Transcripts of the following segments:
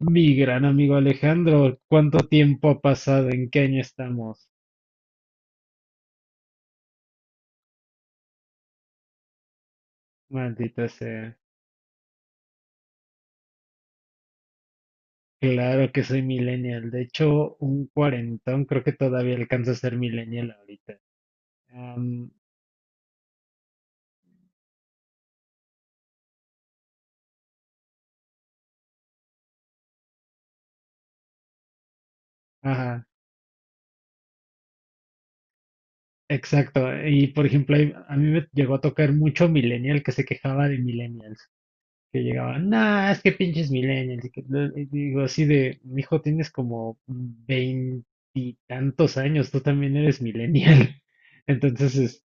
Mi gran amigo Alejandro, ¿cuánto tiempo ha pasado? ¿En qué año estamos? Maldita sea. Claro que soy millennial. De hecho, un cuarentón creo que todavía alcanza a ser millennial ahorita. Ajá, exacto. Y por ejemplo, a mí me llegó a tocar mucho millennial que se quejaba de millennials. Que llegaban, nah, es que pinches millennials. Y que y digo así de, mijo, tienes como veintitantos años, tú también eres millennial. Entonces, es,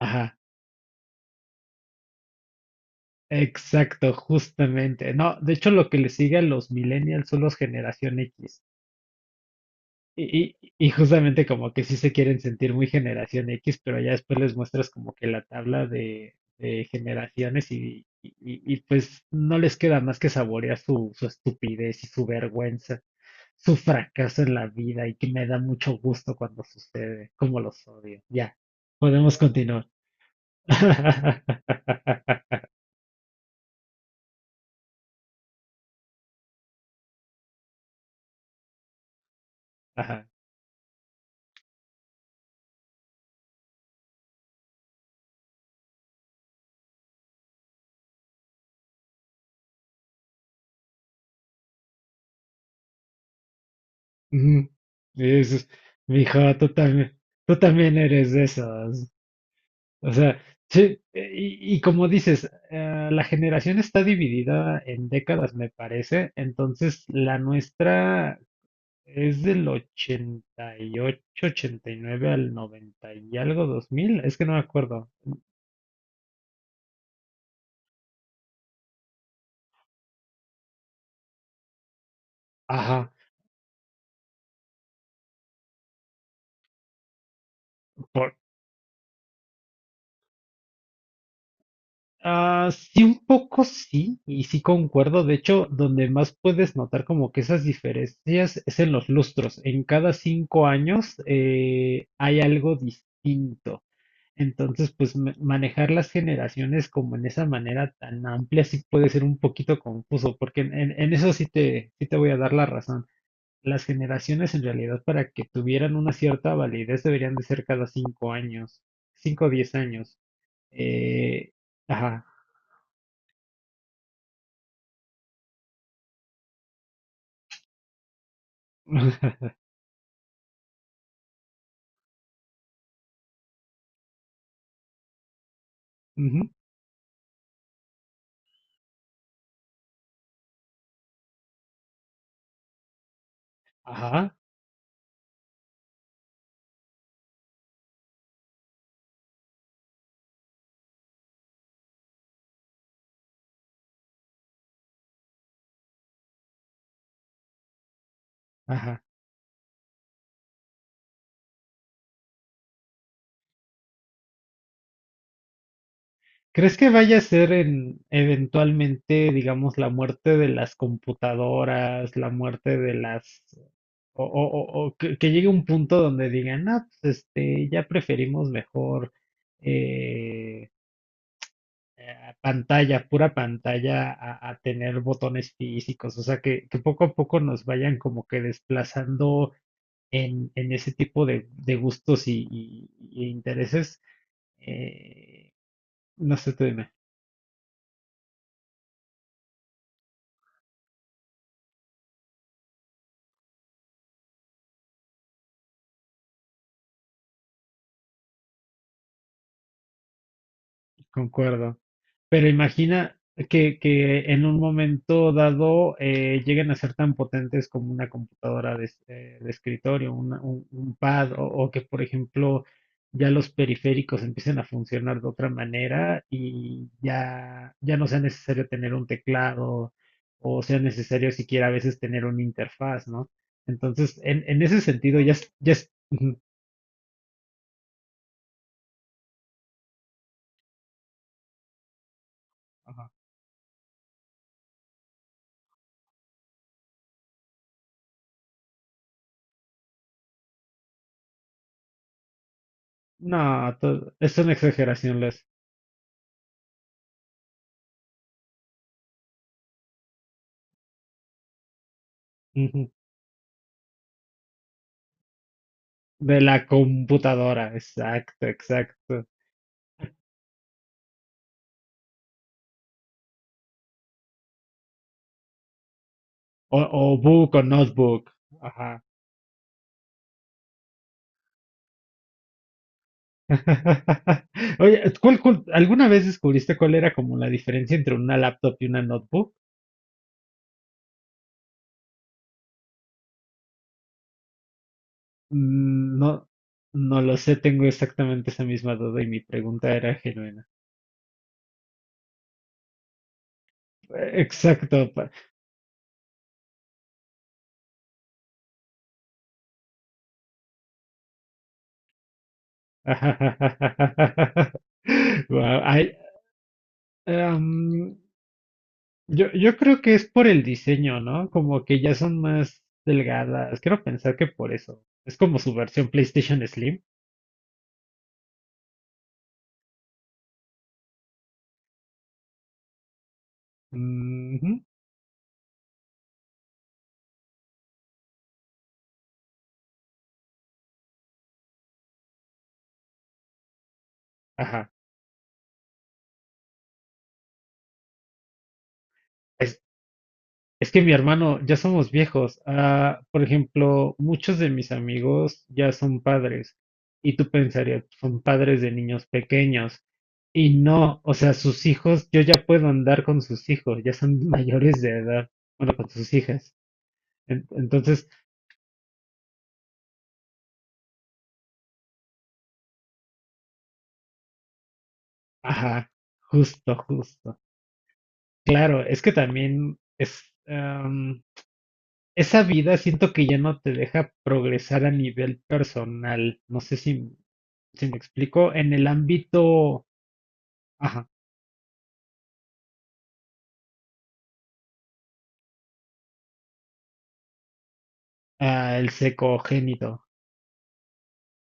ajá. Exacto, justamente. No, de hecho lo que le sigue a los millennials son los generación X. Y justamente como que sí se quieren sentir muy generación X, pero ya después les muestras como que la tabla de generaciones y pues no les queda más que saborear su estupidez y su vergüenza, su fracaso en la vida y que me da mucho gusto cuando sucede, como los odio. Ya, podemos continuar. Ujú. Sí, eso es, mijo, tú también eres de esos. O sea, sí, y como dices, la generación está dividida en décadas, me parece. Entonces, la nuestra es del ochenta ochenta y ocho ochenta y nueve al 90 y algo, 2000 es que no me acuerdo. Ajá. Ah, sí, un poco sí, y sí concuerdo. De hecho, donde más puedes notar como que esas diferencias es en los lustros. En cada 5 años hay algo distinto. Entonces, pues manejar las generaciones como en esa manera tan amplia sí puede ser un poquito confuso, porque en eso sí te voy a dar la razón. Las generaciones en realidad para que tuvieran una cierta validez deberían de ser cada 5 años, 5 o 10 años. Eh, ajá. Ujú, ajá, ajá. ¿Crees que vaya a ser en eventualmente, digamos, la muerte de las computadoras, la muerte de las o que llegue un punto donde digan, ah, pues este, ya preferimos mejor eh, pantalla, pura pantalla, a tener botones físicos? O sea, que poco a poco nos vayan como que desplazando en ese tipo de gustos y intereses. eh, no sé, tú dime. Concuerdo. Pero imagina que en un momento dado lleguen a ser tan potentes como una computadora de escritorio, un pad, o que, por ejemplo, ya los periféricos empiecen a funcionar de otra manera y ya no sea necesario tener un teclado o sea necesario siquiera a veces tener una interfaz, ¿no? Entonces, en ese sentido, ujú, ajá. No, es una exageración, Les. De la computadora, exacto, exacto. O book o notebook. Ajá. Oye, alguna vez descubriste cuál era como la diferencia entre una laptop y una notebook? No, no lo sé, tengo exactamente esa misma duda y mi pregunta era genuina. Exacto. Guau, ay, em, yo creo que es por el diseño, ¿no? Como que ya son más delgadas. Quiero pensar que por eso. Es como su versión PlayStation Slim. Ujú, ajá. Es, es que mi hermano, ya somos viejos. Ah, por ejemplo, muchos de mis amigos ya son padres. Y tú pensarías, son padres de niños pequeños. Y no, o sea, sus hijos, yo ya puedo andar con sus hijos, ya son mayores de edad. Bueno, con sus hijas. Entonces, ajá, justo, justo. Claro, es que también es, esa vida siento que ya no te deja progresar a nivel personal. No sé si me explico. En el ámbito, ajá, ah, el secogénito.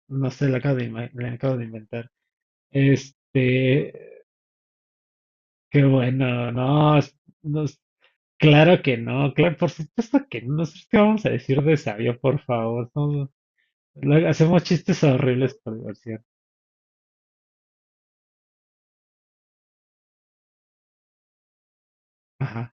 No sé, lo acabo de inventar. Este, qué bueno, no, no es- claro que no, claro, por supuesto que no. Nosotros qué vamos a decir de sabio, por favor. No, luego hacemos chistes horribles por diversión. Ajá.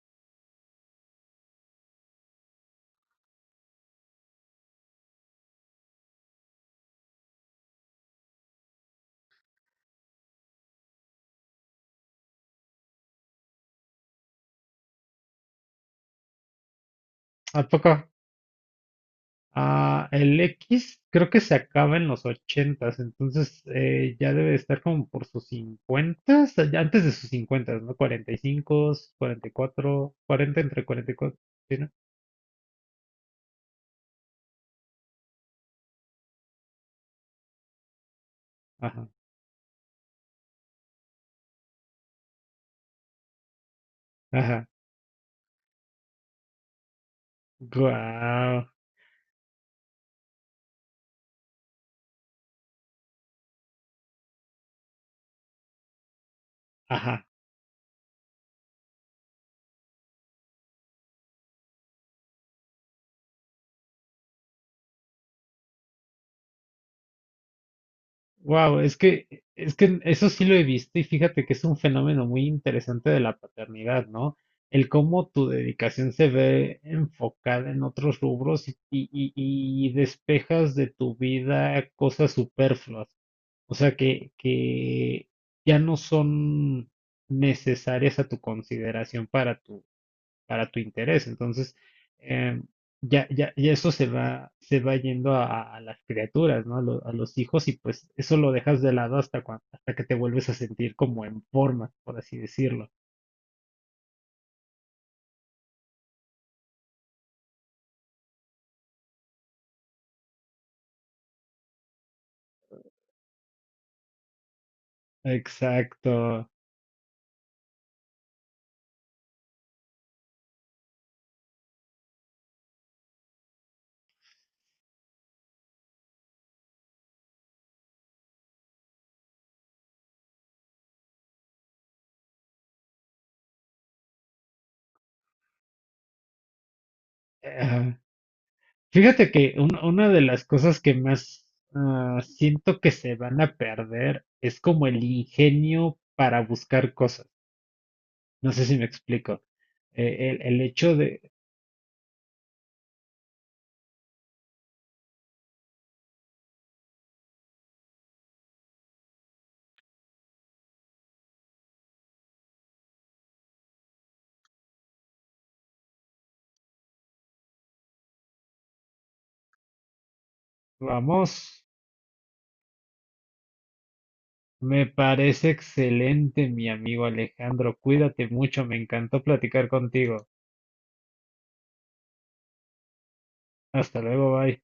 ¿A poco? Ah, el X creo que se acaba en los ochentas, entonces ya debe de estar como por sus cincuentas, antes de sus cincuentas, ¿no? 45, 44, 40 entre 44, ¿sí, no? Ajá, ajá, guau, ajá. Wow, es que eso sí lo he visto y fíjate que es un fenómeno muy interesante de la paternidad, ¿no? El cómo tu dedicación se ve enfocada en otros rubros y despejas de tu vida cosas superfluas, o sea, que ya no son necesarias a tu consideración para tu interés. Entonces, eh, ya eso se va yendo a las criaturas, ¿no? A los hijos y pues eso lo dejas de lado hasta hasta que te vuelves a sentir como en forma, por así decirlo. Exacto. Ah, fíjate que una de las cosas que más siento que se van a perder es como el ingenio para buscar cosas. No sé si me explico. El hecho de, vamos. Me parece excelente, mi amigo Alejandro. Cuídate mucho, me encantó platicar contigo. Hasta luego, bye.